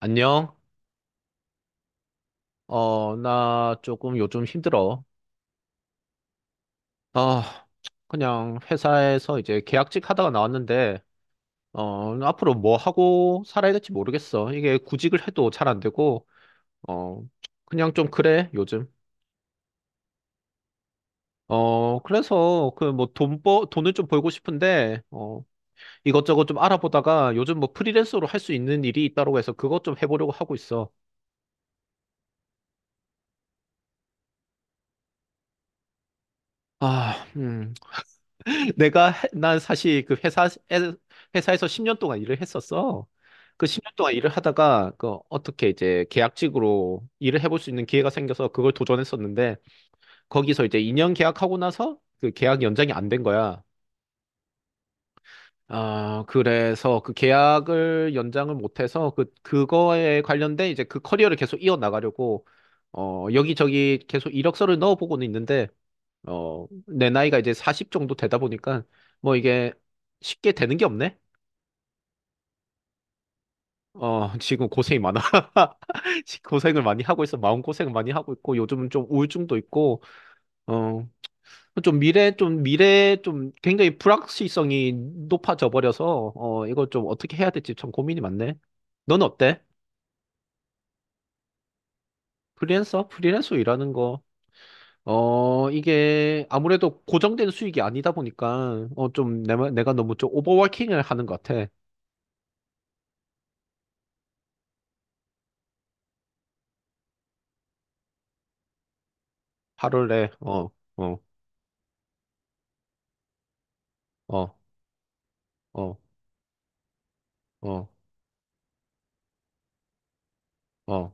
안녕. 어, 나 조금 요즘 힘들어. 아, 그냥 회사에서 이제 계약직 하다가 나왔는데, 어, 앞으로 뭐 하고 살아야 될지 모르겠어. 이게 구직을 해도 잘 안 되고, 어, 그냥 좀 그래, 요즘. 어, 그래서 그 뭐 돈을 좀 벌고 싶은데, 어, 이것저것 좀 알아보다가 요즘 뭐 프리랜서로 할 수 있는 일이 있다고 해서 그것 좀 해보려고 하고 있어. 아, 난 사실 그 회사에서 10년 동안 일을 했었어. 그 10년 동안 일을 하다가 그 어떻게 이제 계약직으로 일을 해볼 수 있는 기회가 생겨서 그걸 도전했었는데 거기서 이제 2년 계약하고 나서 그 계약 연장이 안 된 거야. 아, 그래서 그 계약을 연장을 못해서 그 그거에 관련된 이제 그 커리어를 계속 이어나가려고 어 여기저기 계속 이력서를 넣어보고는 있는데 어 내 나이가 이제 40 정도 되다 보니까 뭐 이게 쉽게 되는 게 없네. 어, 지금 고생이 많아. 지금 고생을 많이 하고 있어. 마음고생을 많이 하고 있고, 요즘은 좀 우울증도 있고, 어, 좀 굉장히 불확실성이 높아져 버려서, 어, 이거 좀 어떻게 해야 될지 참 고민이 많네. 넌 어때? 프리랜서? 프리랜서 일하는 거. 어, 이게 아무래도 고정된 수익이 아니다 보니까, 어, 좀 내가 너무 좀 오버워킹을 하는 것 같아. 하루를 내, 어, 어, 어, 어, 어, 어,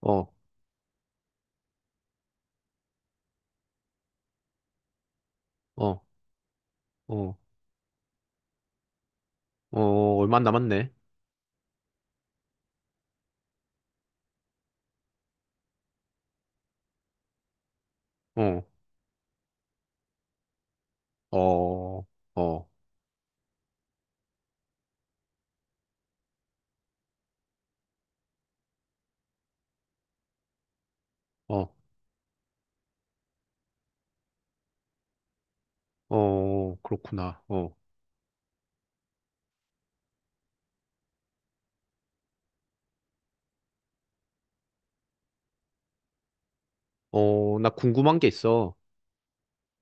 어, 어, 어. 어, 얼마 안 남았네. 어, 어, 어, 어, 어, 그렇구나. 어, 어, 나 궁금한 게 있어.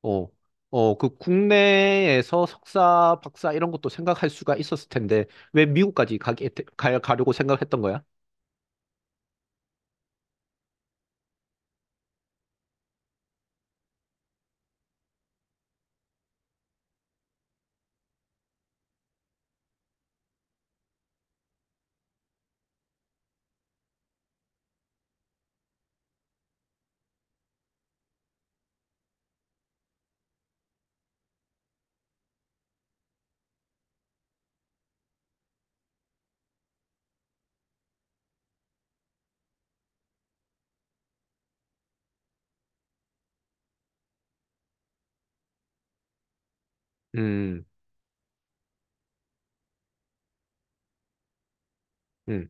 어, 어, 그 국내에서 석사, 박사 이런 것도 생각할 수가 있었을 텐데, 왜 미국까지 가려고 생각했던 거야? 음, 음.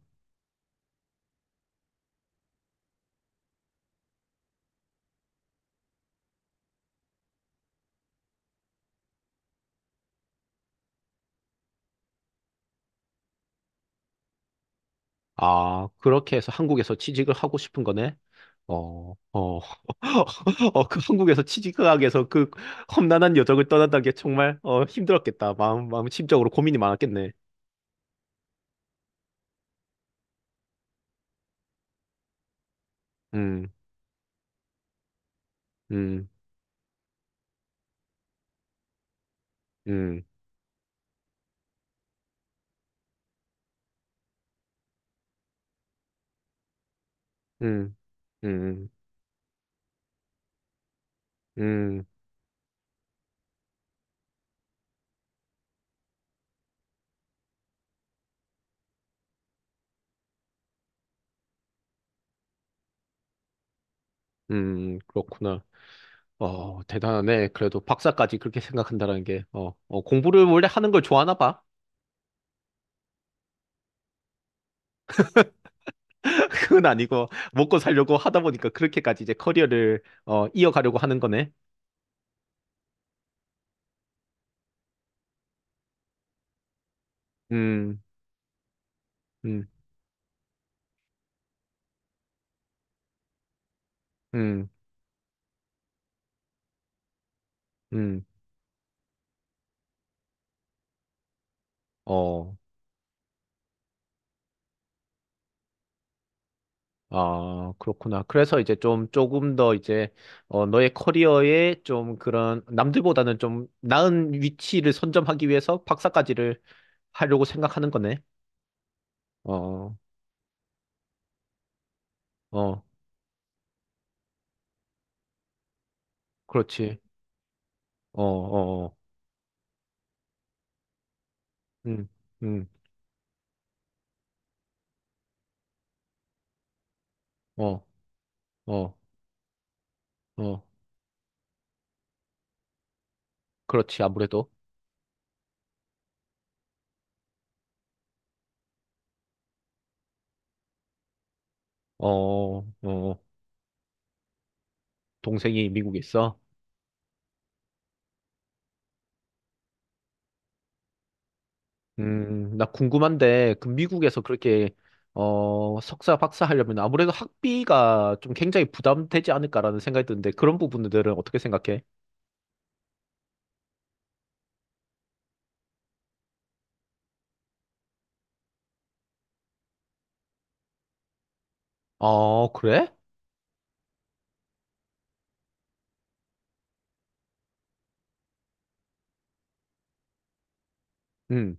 아, 그렇게 해서 한국에서 취직을 하고 싶은 거네? 어, 어, 어, 그 한국에서 취직 하기 위해서 그 험난한 여정을 떠난다는 게 정말, 어, 힘들었겠다. 마음 심적으로 고민이 많았겠네. 음, 음, 음, 음, 음, 음, 그렇구나. 어, 대단하네. 그래도 박사까지 그렇게 생각한다는 게, 어, 어, 공부를 원래 하는 걸 좋아하나 봐. 그건 아니고, 먹고 살려고 하다 보니까 그렇게까지 이제 커리어를, 어, 이어가려고 하는 거네. 음, 음, 음, 음, 어, 아, 그렇구나. 그래서 이제 좀, 조금 더 이제, 어, 너의 커리어에 좀 그런, 남들보다는 좀 나은 위치를 선점하기 위해서 박사까지를 하려고 생각하는 거네. 어, 어, 어. 그렇지. 어, 어, 어, 음, 음, 어, 어, 어, 그렇지. 아무래도, 어, 어, 어. 동생이 미국에 있어. 나 궁금한데, 그 미국에서 그렇게, 어, 석사, 박사 하려면 아무래도 학비가 좀 굉장히 부담되지 않을까라는 생각이 드는데, 그런 부분들은 어떻게 생각해? 어, 그래? 음,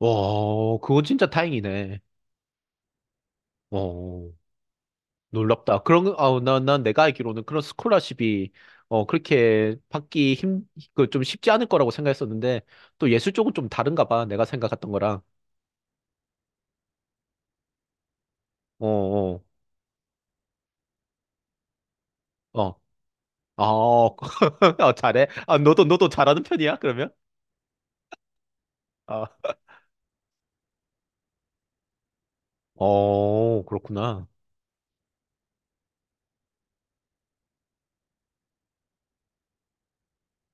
와, 그거 진짜 다행이네. 어, 놀랍다. 그런, 아, 난 내가 알기로는 그런 스콜라십이, 어, 그 좀 쉽지 않을 거라고 생각했었는데, 또 예술 쪽은 좀 다른가 봐. 내가 생각했던 거랑. 어, 어, 어. 어, 아, 잘해. 아, 너도 잘하는 편이야, 그러면? 아, 어, 그렇구나.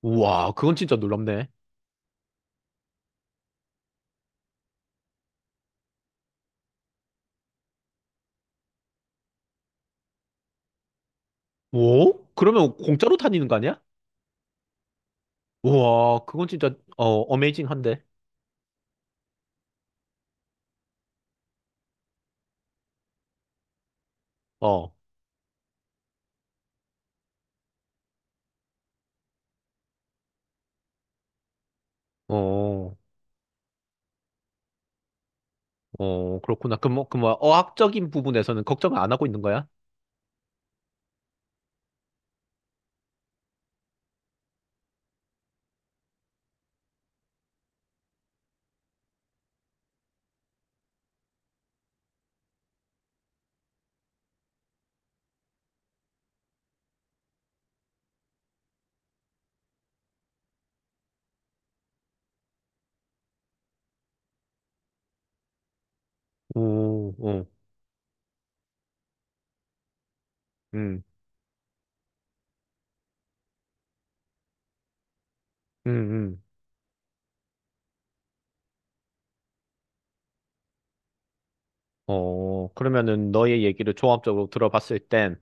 우와, 그건 진짜 놀랍네. 오? 그러면 공짜로 다니는 거 아니야? 우와, 그건 진짜, 어, 어메이징한데. 어, 어, 어, 그렇구나. 그, 뭐, 그, 뭐, 어학적인 부분에서는 걱정을 안 하고 있는 거야? 오, 오, 음, 음, 음. 어, 그러면은 너의 얘기를 종합적으로 들어봤을 땐,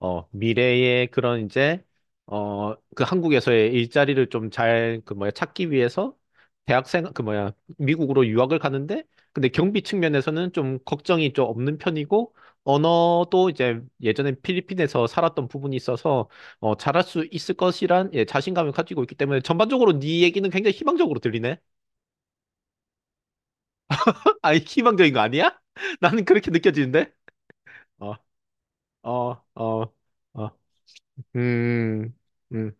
어, 미래의 그런 이제, 어, 그 한국에서의 일자리를 좀 잘, 그 뭐야, 찾기 위해서 대학생, 그 뭐야, 미국으로 유학을 가는데, 근데 경비 측면에서는 좀 걱정이 좀 없는 편이고, 언어도 이제 예전에 필리핀에서 살았던 부분이 있어서, 어, 잘할 수 있을 것이란, 예, 자신감을 가지고 있기 때문에 전반적으로 네 얘기는 굉장히 희망적으로 들리네. 아니, 희망적인 거 아니야? 나는 그렇게 느껴지는데? 어, 어, 어, 어, 음, 음,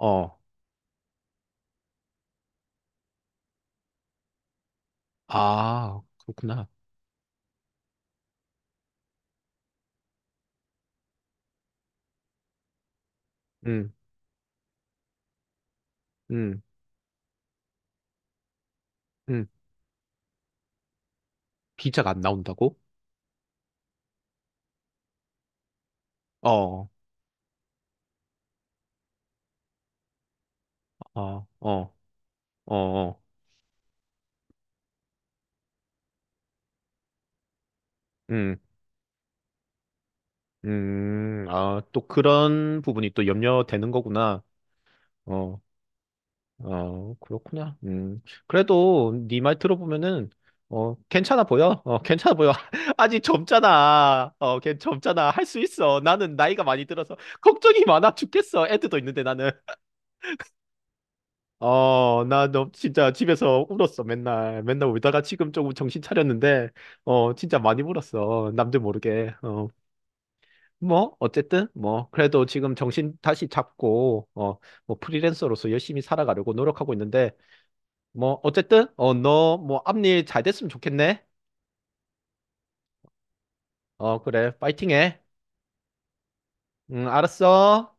어. 아, 그렇구나. 음, 음, 음. 비자가 안 나온다고? 어, 어, 어, 어, 어. 음, 아, 또 그런 부분이 또 염려되는 거구나. 어, 어, 그렇구나. 음. 그래도 네 말 들어보면은 어, 괜찮아 보여. 어, 괜찮아 보여. 아직 젊잖아. 어, 걔 젊잖아. 할 수 있어. 나는 나이가 많이 들어서 걱정이 많아 죽겠어. 애들도 있는데 나는. 어, 나 너 진짜 집에서 울었어. 맨날. 맨날 울다가 지금 조금 정신 차렸는데 어, 진짜 많이 울었어. 남들 모르게. 어. 뭐 어쨌든 뭐 그래도 지금 정신 다시 잡고 어, 뭐 프리랜서로서 열심히 살아가려고 노력하고 있는데 뭐 어쨌든 어 너 뭐 앞일 잘 됐으면 좋겠네. 어 그래 파이팅해. 응 알았어.